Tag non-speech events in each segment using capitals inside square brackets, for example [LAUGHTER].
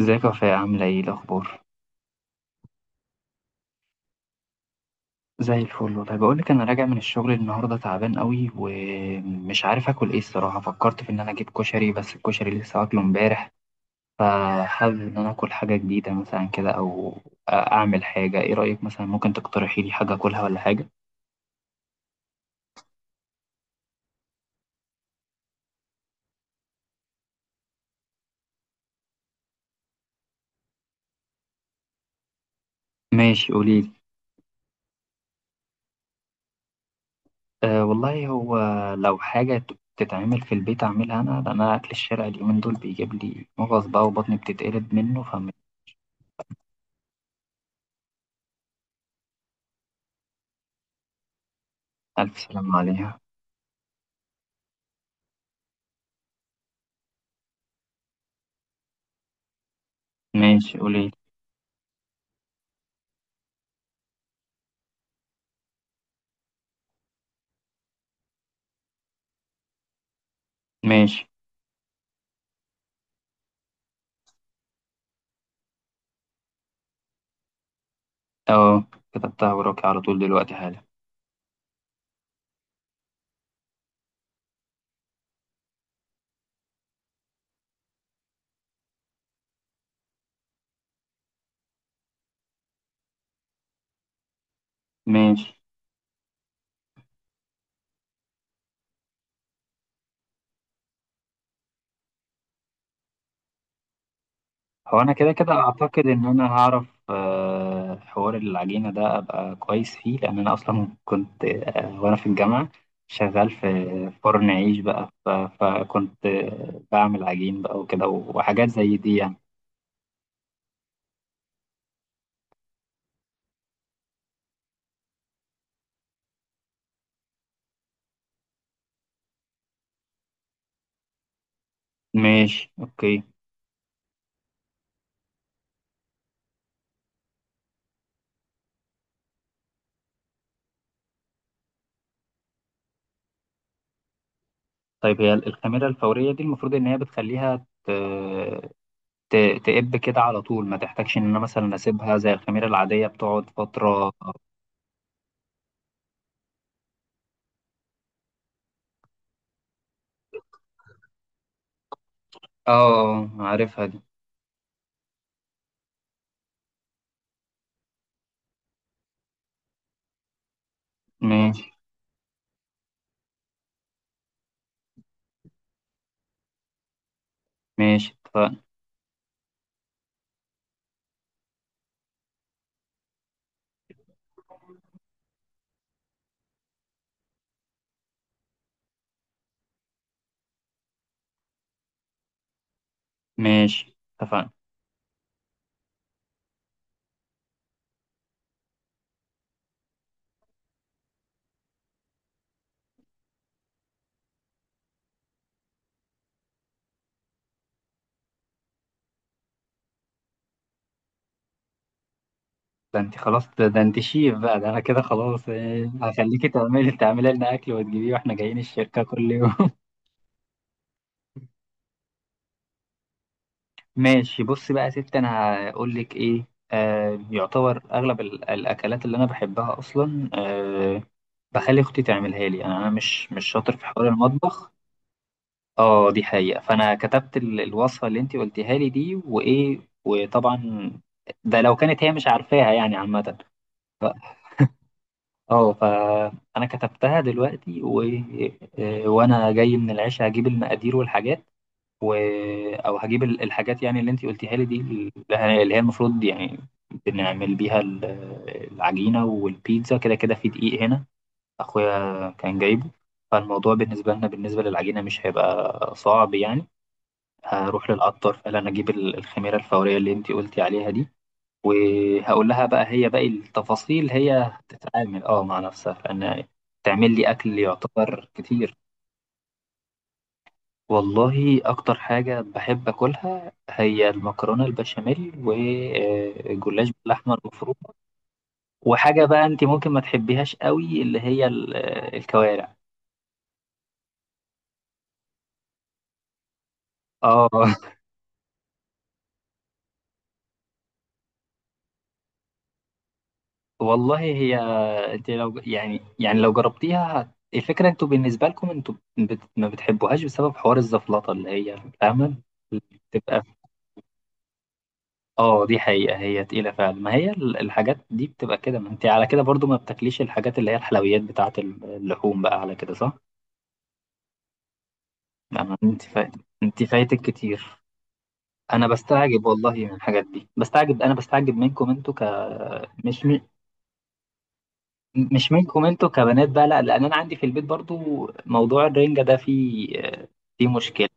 ازيك يا وفاء عاملة ايه الأخبار؟ زي الفل والله. بقولك أنا راجع من الشغل النهاردة تعبان قوي ومش عارف آكل ايه الصراحة. فكرت في إن أنا أجيب كشري، بس الكشري لسه واكله امبارح، فحابب إن أنا آكل حاجة جديدة مثلا كده، أو أعمل حاجة. ايه رأيك مثلا، ممكن تقترحي لي حاجة آكلها ولا حاجة؟ ماشي قوليلي. أه والله، هو لو حاجة تتعمل في البيت أعملها أنا، لأن أنا أكل الشارع اليومين دول بيجيب لي مغص بقى وبطني بتتقلب منه. ألف سلامة عليها. ماشي قوليلي. ماشي. اه، كتبتها وراكي على طول دلوقتي حالا. ماشي. هو انا كده كده اعتقد ان انا هعرف، حوار العجينه ده ابقى كويس فيه، لان انا اصلا كنت، وانا في الجامعه شغال في فرن عيش بقى، فكنت بعمل عجين بقى وكده، وحاجات زي دي يعني. ماشي اوكي. طيب هي الخميره الفوريه دي المفروض ان هي بتخليها تقب كده على طول، ما تحتاجش ان انا مثلا اسيبها زي الخميره العاديه بتقعد فتره. اه عارفها دي. ماشي. ماشي اتفقنا. ماشي اتفقنا. ده انت خلاص، ده انت شيف بقى، ده انا كده خلاص. هخليكي تعملي لنا اكل وتجيبيه واحنا جايين الشركة كل يوم. [LAUGHS] ماشي بصي بقى يا ستي، انا هقول لك ايه، يعتبر اغلب الاكلات اللي انا بحبها اصلا، بخلي اختي تعملها لي. أنا مش شاطر في حوار المطبخ. اه دي حقيقة، فأنا كتبت الوصفة اللي انت قلتيها لي دي، وطبعا ده لو كانت هي مش عارفاها يعني، عامة. ف- اه فأنا كتبتها دلوقتي وأنا جاي من العشاء هجيب المقادير والحاجات، و... أو هجيب الحاجات يعني اللي انت قلتيها لي دي، اللي هي المفروض يعني بنعمل بيها العجينة والبيتزا. كده كده في دقيق هنا، أخويا كان جايبه، فالموضوع بالنسبة لنا، بالنسبة للعجينة مش هيبقى صعب يعني. هروح للعطار، فقال انا اجيب الخميره الفوريه اللي انت قلتي عليها دي، وهقول لها بقى، هي باقي التفاصيل هي هتتعامل اه مع نفسها، لان تعمل لي اكل يعتبر كتير. والله اكتر حاجه بحب اكلها هي المكرونه البشاميل والجلاش باللحمه المفرومه، وحاجه بقى انت ممكن ما تحبيهاش قوي، اللي هي الكوارع. اه. [LAUGHS] والله هي، انت لو يعني لو جربتيها، الفكره انتوا بالنسبه لكم، ما بتحبوهاش بسبب حوار الزفلطه اللي هي فاهمه، اللي بتبقى اه دي حقيقه، هي تقيله فعلا، ما هي الحاجات دي بتبقى كده. ما انت على كده برضو، ما بتاكليش الحاجات اللي هي الحلويات بتاعه اللحوم بقى، على كده صح. لا، ما انت فايت، انت فايتك كتير. انا بستعجب والله من الحاجات دي، بستعجب منكم انتوا مش مش منكم انتوا كبنات بقى، لا، لان انا عندي في البيت برضو موضوع الرنجة ده، فيه مشكلة.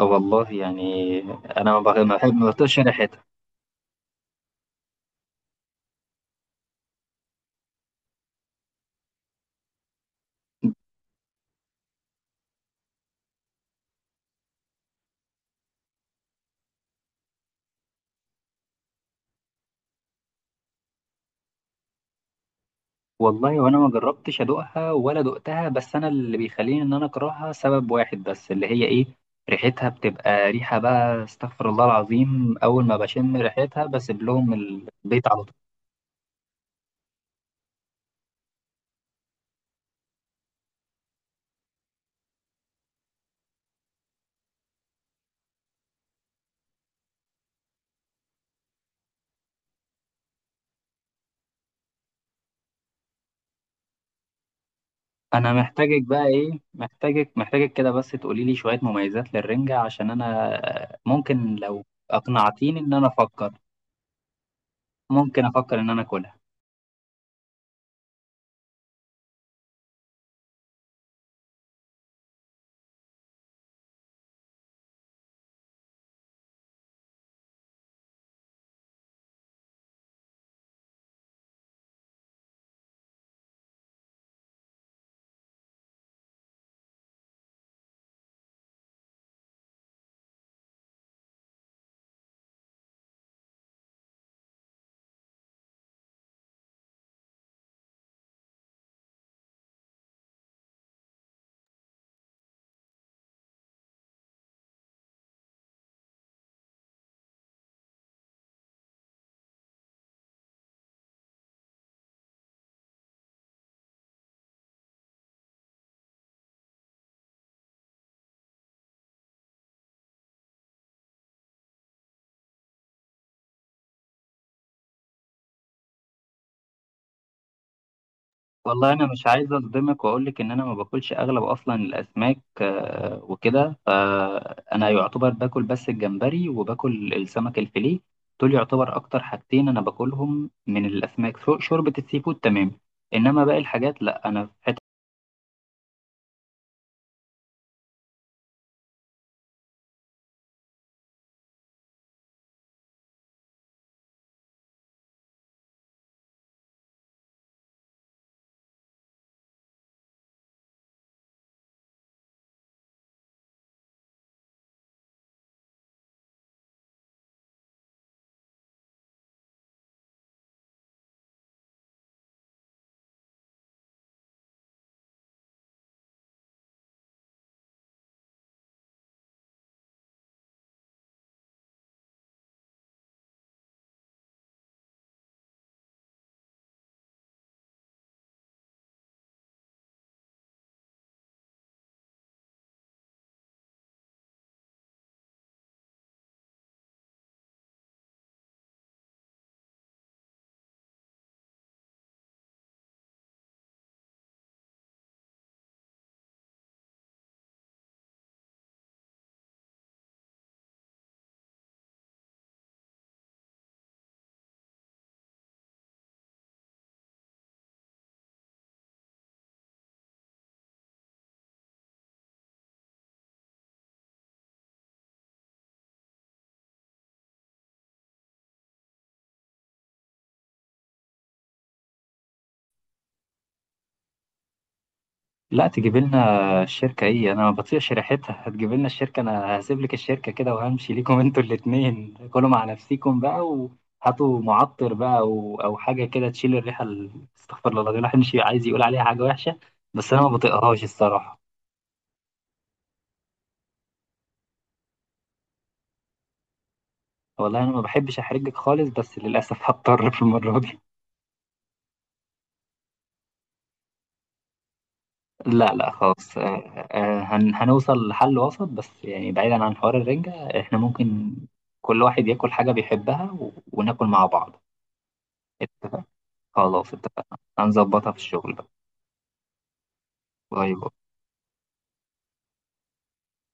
والله يعني انا ما بطيقش ريحتها. والله وانا ما جربتش ادوقها ولا دقتها، بس انا اللي بيخليني ان انا اكرهها سبب واحد بس، اللي هي ايه، ريحتها بتبقى ريحة بقى استغفر الله العظيم، اول ما بشم ريحتها بسيب لهم البيت على. انا محتاجك بقى، ايه، محتاجك كده، بس تقولي لي شوية مميزات للرنجة، عشان انا ممكن لو اقنعتيني ان انا افكر، ممكن افكر ان انا اكلها. والله انا مش عايز اصدمك واقول لك ان انا ما باكلش اغلب اصلا الاسماك، وكده. فانا يعتبر باكل بس الجمبري، وباكل السمك الفيليه، دول يعتبر اكتر حاجتين انا باكلهم من الاسماك. شوربة السي فود تمام، انما باقي الحاجات لا، انا في حتة. لا، تجيب لنا الشركة ايه؟ انا ما بطيقش ريحتها. هتجيب لنا الشركة؟ انا هسيب لك الشركة كده وهمشي ليكم. [LAUGHS] انتوا الاتنين كلوا مع نفسيكم بقى، وهاتوا معطر بقى او حاجة كده تشيل الريحة، استغفر الله العظيم، الواحد مش عايز يقول عليها حاجة وحشة. بس انا ما بطيقهاش الصراحة. والله انا ما بحبش احرجك خالص، بس للاسف [LAUGHS] هضطر في المرة دي. لا لا خلاص، هنوصل لحل وسط. بس يعني بعيدا عن حوار الرنجة، احنا ممكن كل واحد ياكل حاجة بيحبها وناكل مع بعض. اتفقنا؟ خلاص اتفقنا، هنظبطها في الشغل بقى. باي باي.